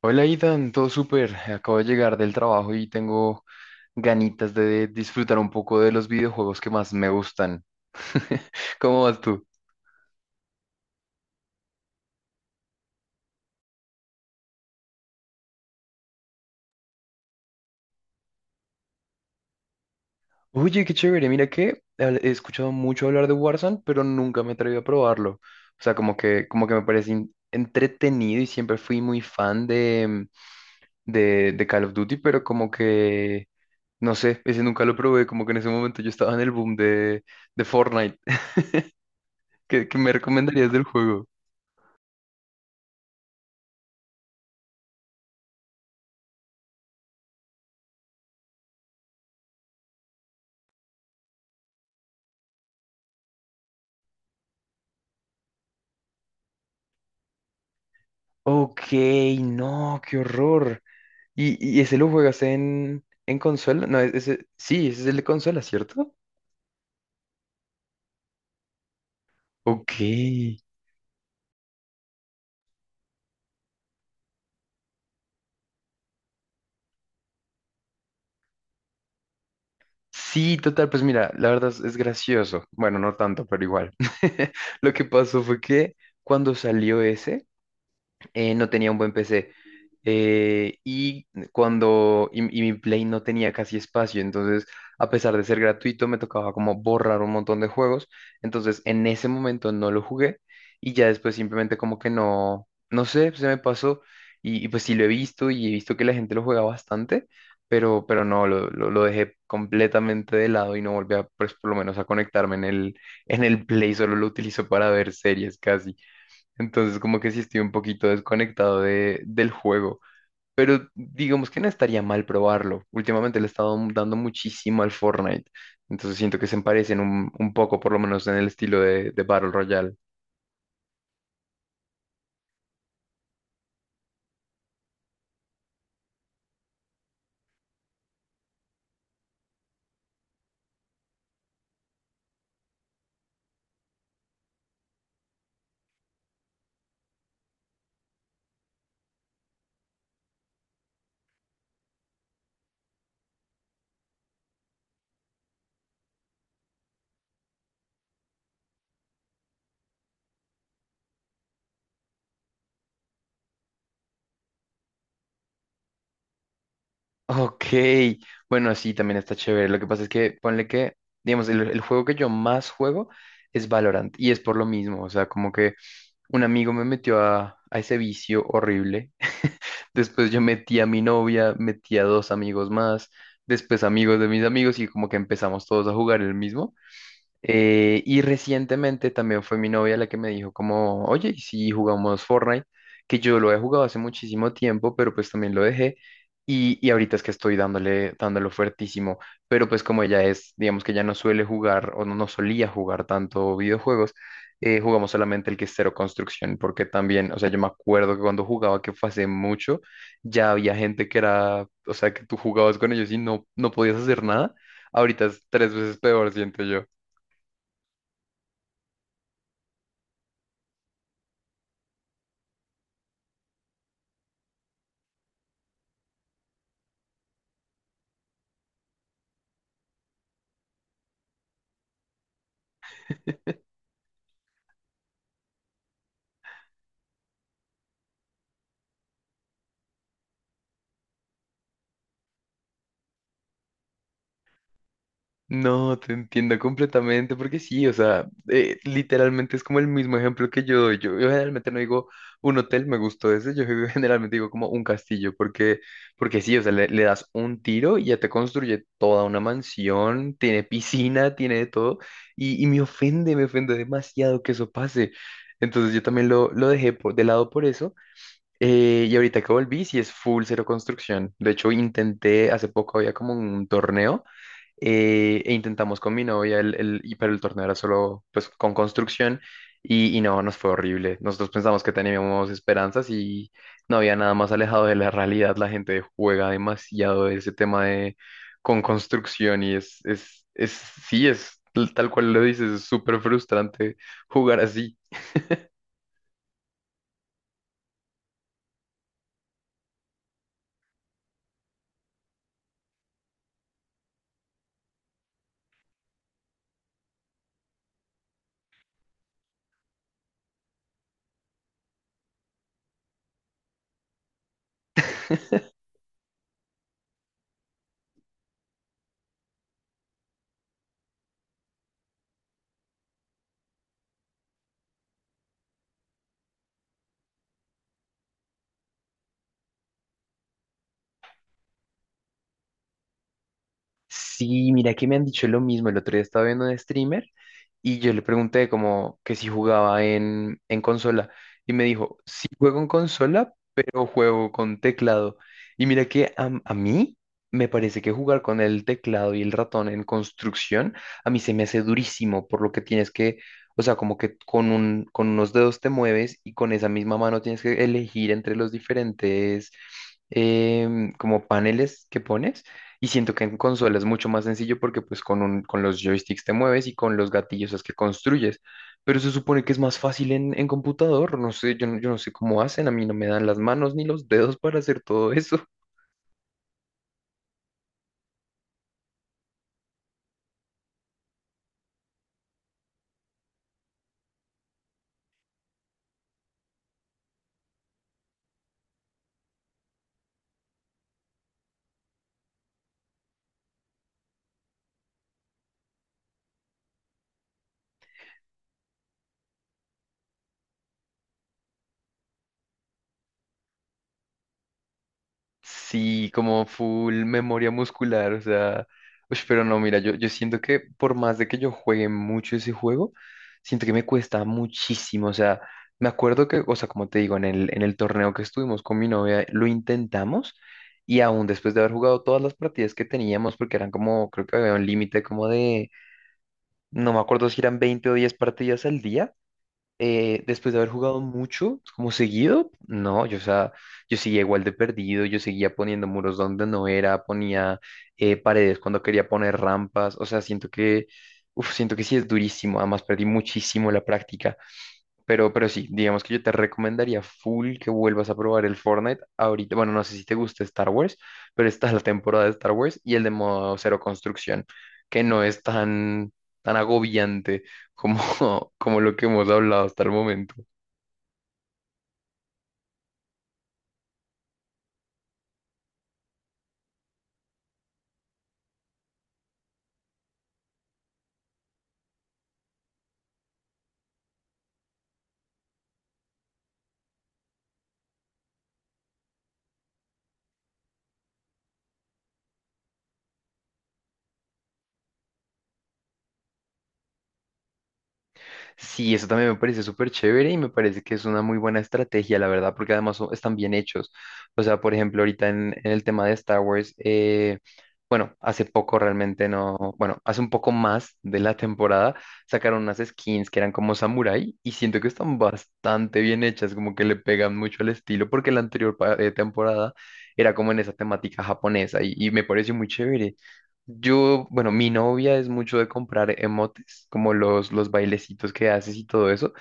Hola, Itan, todo súper. Acabo de llegar del trabajo y tengo ganitas de disfrutar un poco de los videojuegos que más me gustan. ¿Cómo vas tú? Oye, qué chévere. Mira que he escuchado mucho hablar de Warzone, pero nunca me atreví a probarlo. O sea, como que me parece entretenido y siempre fui muy fan de Call of Duty, pero como que, no sé, ese nunca lo probé. Como que en ese momento yo estaba en el boom de Fortnite. ¿Qué me recomendarías del juego? Ok, no, qué horror. ¿Y ese lo juegas en consola? No, ese, sí, ese es el de consola, ¿cierto? Ok. Sí, total, pues mira, la verdad es gracioso. Bueno, no tanto, pero igual. Lo que pasó fue que cuando salió ese, no tenía un buen PC. Y mi Play no tenía casi espacio, entonces a pesar de ser gratuito me tocaba como borrar un montón de juegos, entonces en ese momento no lo jugué y ya después simplemente como que no, no sé, se me pasó y pues sí lo he visto y he visto que la gente lo juega bastante, pero no, lo dejé completamente de lado y no volví a, pues por lo menos a conectarme en el Play, solo lo utilizo para ver series casi. Entonces, como que sí estoy un poquito desconectado del juego. Pero digamos que no estaría mal probarlo. Últimamente le he estado dando muchísimo al Fortnite. Entonces siento que se parecen un poco, por lo menos en el estilo de Battle Royale. Ok. Bueno, sí, también está chévere. Lo que pasa es que, ponle que, digamos, el juego que yo más juego es Valorant. Y es por lo mismo. O sea, como que un amigo me metió a ese vicio horrible. Después yo metí a mi novia, metí a dos amigos más, después amigos de mis amigos y como que empezamos todos a jugar el mismo. Y recientemente también fue mi novia la que me dijo como, oye, ¿y si jugamos Fortnite? Que yo lo he jugado hace muchísimo tiempo, pero pues también lo dejé. Y ahorita es que estoy dándolo fuertísimo. Pero pues como ella es, digamos que ya no suele jugar o no solía jugar tanto videojuegos, jugamos solamente el que es cero construcción, porque también, o sea, yo me acuerdo que cuando jugaba, que fue hace mucho, ya había gente que era, o sea, que tú jugabas con ellos y no podías hacer nada. Ahorita es tres veces peor, siento yo. No, te entiendo completamente, porque sí, o sea, literalmente es como el mismo ejemplo que yo doy. Yo generalmente no digo un hotel, me gustó ese, yo generalmente digo como un castillo, porque, porque sí, o sea, le das un tiro y ya te construye toda una mansión, tiene piscina, tiene de todo, y me ofende demasiado que eso pase. Entonces yo también lo dejé de lado por eso. Y ahorita que volví, sí es full cero construcción. De hecho, intenté, hace poco había como un torneo e intentamos con mi novia, pero el torneo era solo pues con construcción y no, nos fue horrible. Nosotros pensamos que teníamos esperanzas y no había nada más alejado de la realidad. La gente juega demasiado ese tema de con construcción y sí, es tal cual lo dices, es súper frustrante jugar así. Sí, mira que me han dicho lo mismo. El otro día estaba viendo un streamer y yo le pregunté como que si jugaba en consola. Y me dijo, sí juego en consola, pero juego con teclado. Y mira que a mí me parece que jugar con el teclado y el ratón en construcción, a mí se me hace durísimo, por lo que tienes que, o sea, como que con unos dedos te mueves y con esa misma mano tienes que elegir entre los diferentes como paneles que pones. Y siento que en consola es mucho más sencillo porque pues con los joysticks te mueves y con los gatillos es que construyes. Pero se supone que es más fácil en computador. No sé, yo, yo no sé cómo hacen. A mí no me dan las manos ni los dedos para hacer todo eso. Sí, como full memoria muscular, o sea, uy, pero no, mira, yo siento que por más de que yo juegue mucho ese juego, siento que me cuesta muchísimo, o sea, me acuerdo que, o sea, como te digo, en el torneo que estuvimos con mi novia, lo intentamos y aún después de haber jugado todas las partidas que teníamos, porque eran como, creo que había un límite como de, no me acuerdo si eran 20 o 10 partidas al día, después de haber jugado mucho, como seguido, no, yo, o sea, yo seguía igual de perdido, yo seguía poniendo muros donde no era, ponía paredes cuando quería poner rampas, o sea, siento que, uf, siento que sí es durísimo, además perdí muchísimo la práctica. Pero sí, digamos que yo te recomendaría full que vuelvas a probar el Fortnite ahorita. Bueno, no sé si te gusta Star Wars, pero está la temporada de Star Wars y el de modo cero construcción, que no es tan, tan agobiante como, como lo que hemos hablado hasta el momento. Sí, eso también me parece súper chévere y me parece que es una muy buena estrategia, la verdad, porque además están bien hechos. O sea, por ejemplo, ahorita en el tema de Star Wars, bueno, hace poco realmente no, bueno, hace un poco más de la temporada sacaron unas skins que eran como samurai y siento que están bastante bien hechas, como que le pegan mucho al estilo, porque la anterior temporada era como en esa temática japonesa y me pareció muy chévere. Yo, bueno, mi novia es mucho de comprar emotes, como los bailecitos que haces y todo eso.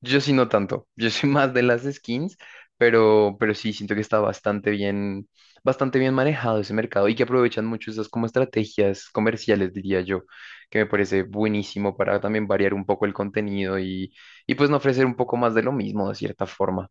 Yo sí no tanto, yo soy más de las skins, pero sí siento que está bastante bien manejado ese mercado y que aprovechan mucho esas como estrategias comerciales, diría yo, que me parece buenísimo para también variar un poco el contenido y pues no ofrecer un poco más de lo mismo de cierta forma.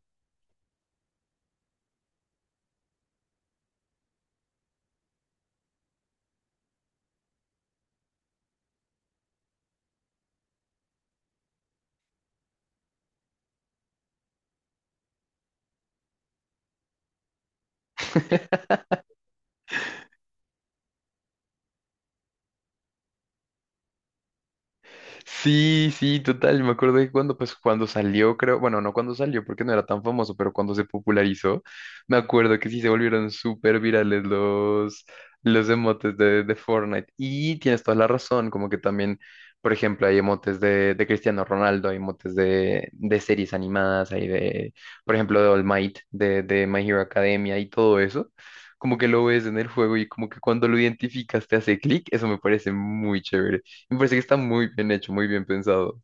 Sí, sí, total. Me acuerdo que cuando, pues, cuando salió, creo, bueno, no cuando salió porque no era tan famoso, pero cuando se popularizó, me acuerdo que sí se volvieron súper virales los emotes de Fortnite. Y tienes toda la razón, como que también, por ejemplo, hay emotes de Cristiano Ronaldo, hay emotes de series animadas, hay de, por ejemplo, de All Might, de My Hero Academia y todo eso. Como que lo ves en el juego y como que cuando lo identificas te hace clic, eso me parece muy chévere. Me parece que está muy bien hecho, muy bien pensado.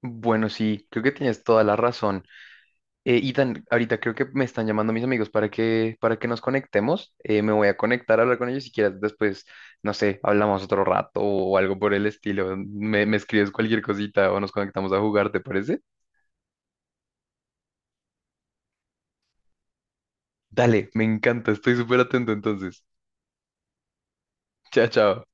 Bueno, sí, creo que tienes toda la razón. Ethan, ahorita creo que me están llamando mis amigos para que nos conectemos. Me voy a conectar a hablar con ellos si quieres. Después, no sé, hablamos otro rato o algo por el estilo. Me escribes cualquier cosita o nos conectamos a jugar, ¿te parece? Dale, me encanta, estoy súper atento entonces. Chao, chao.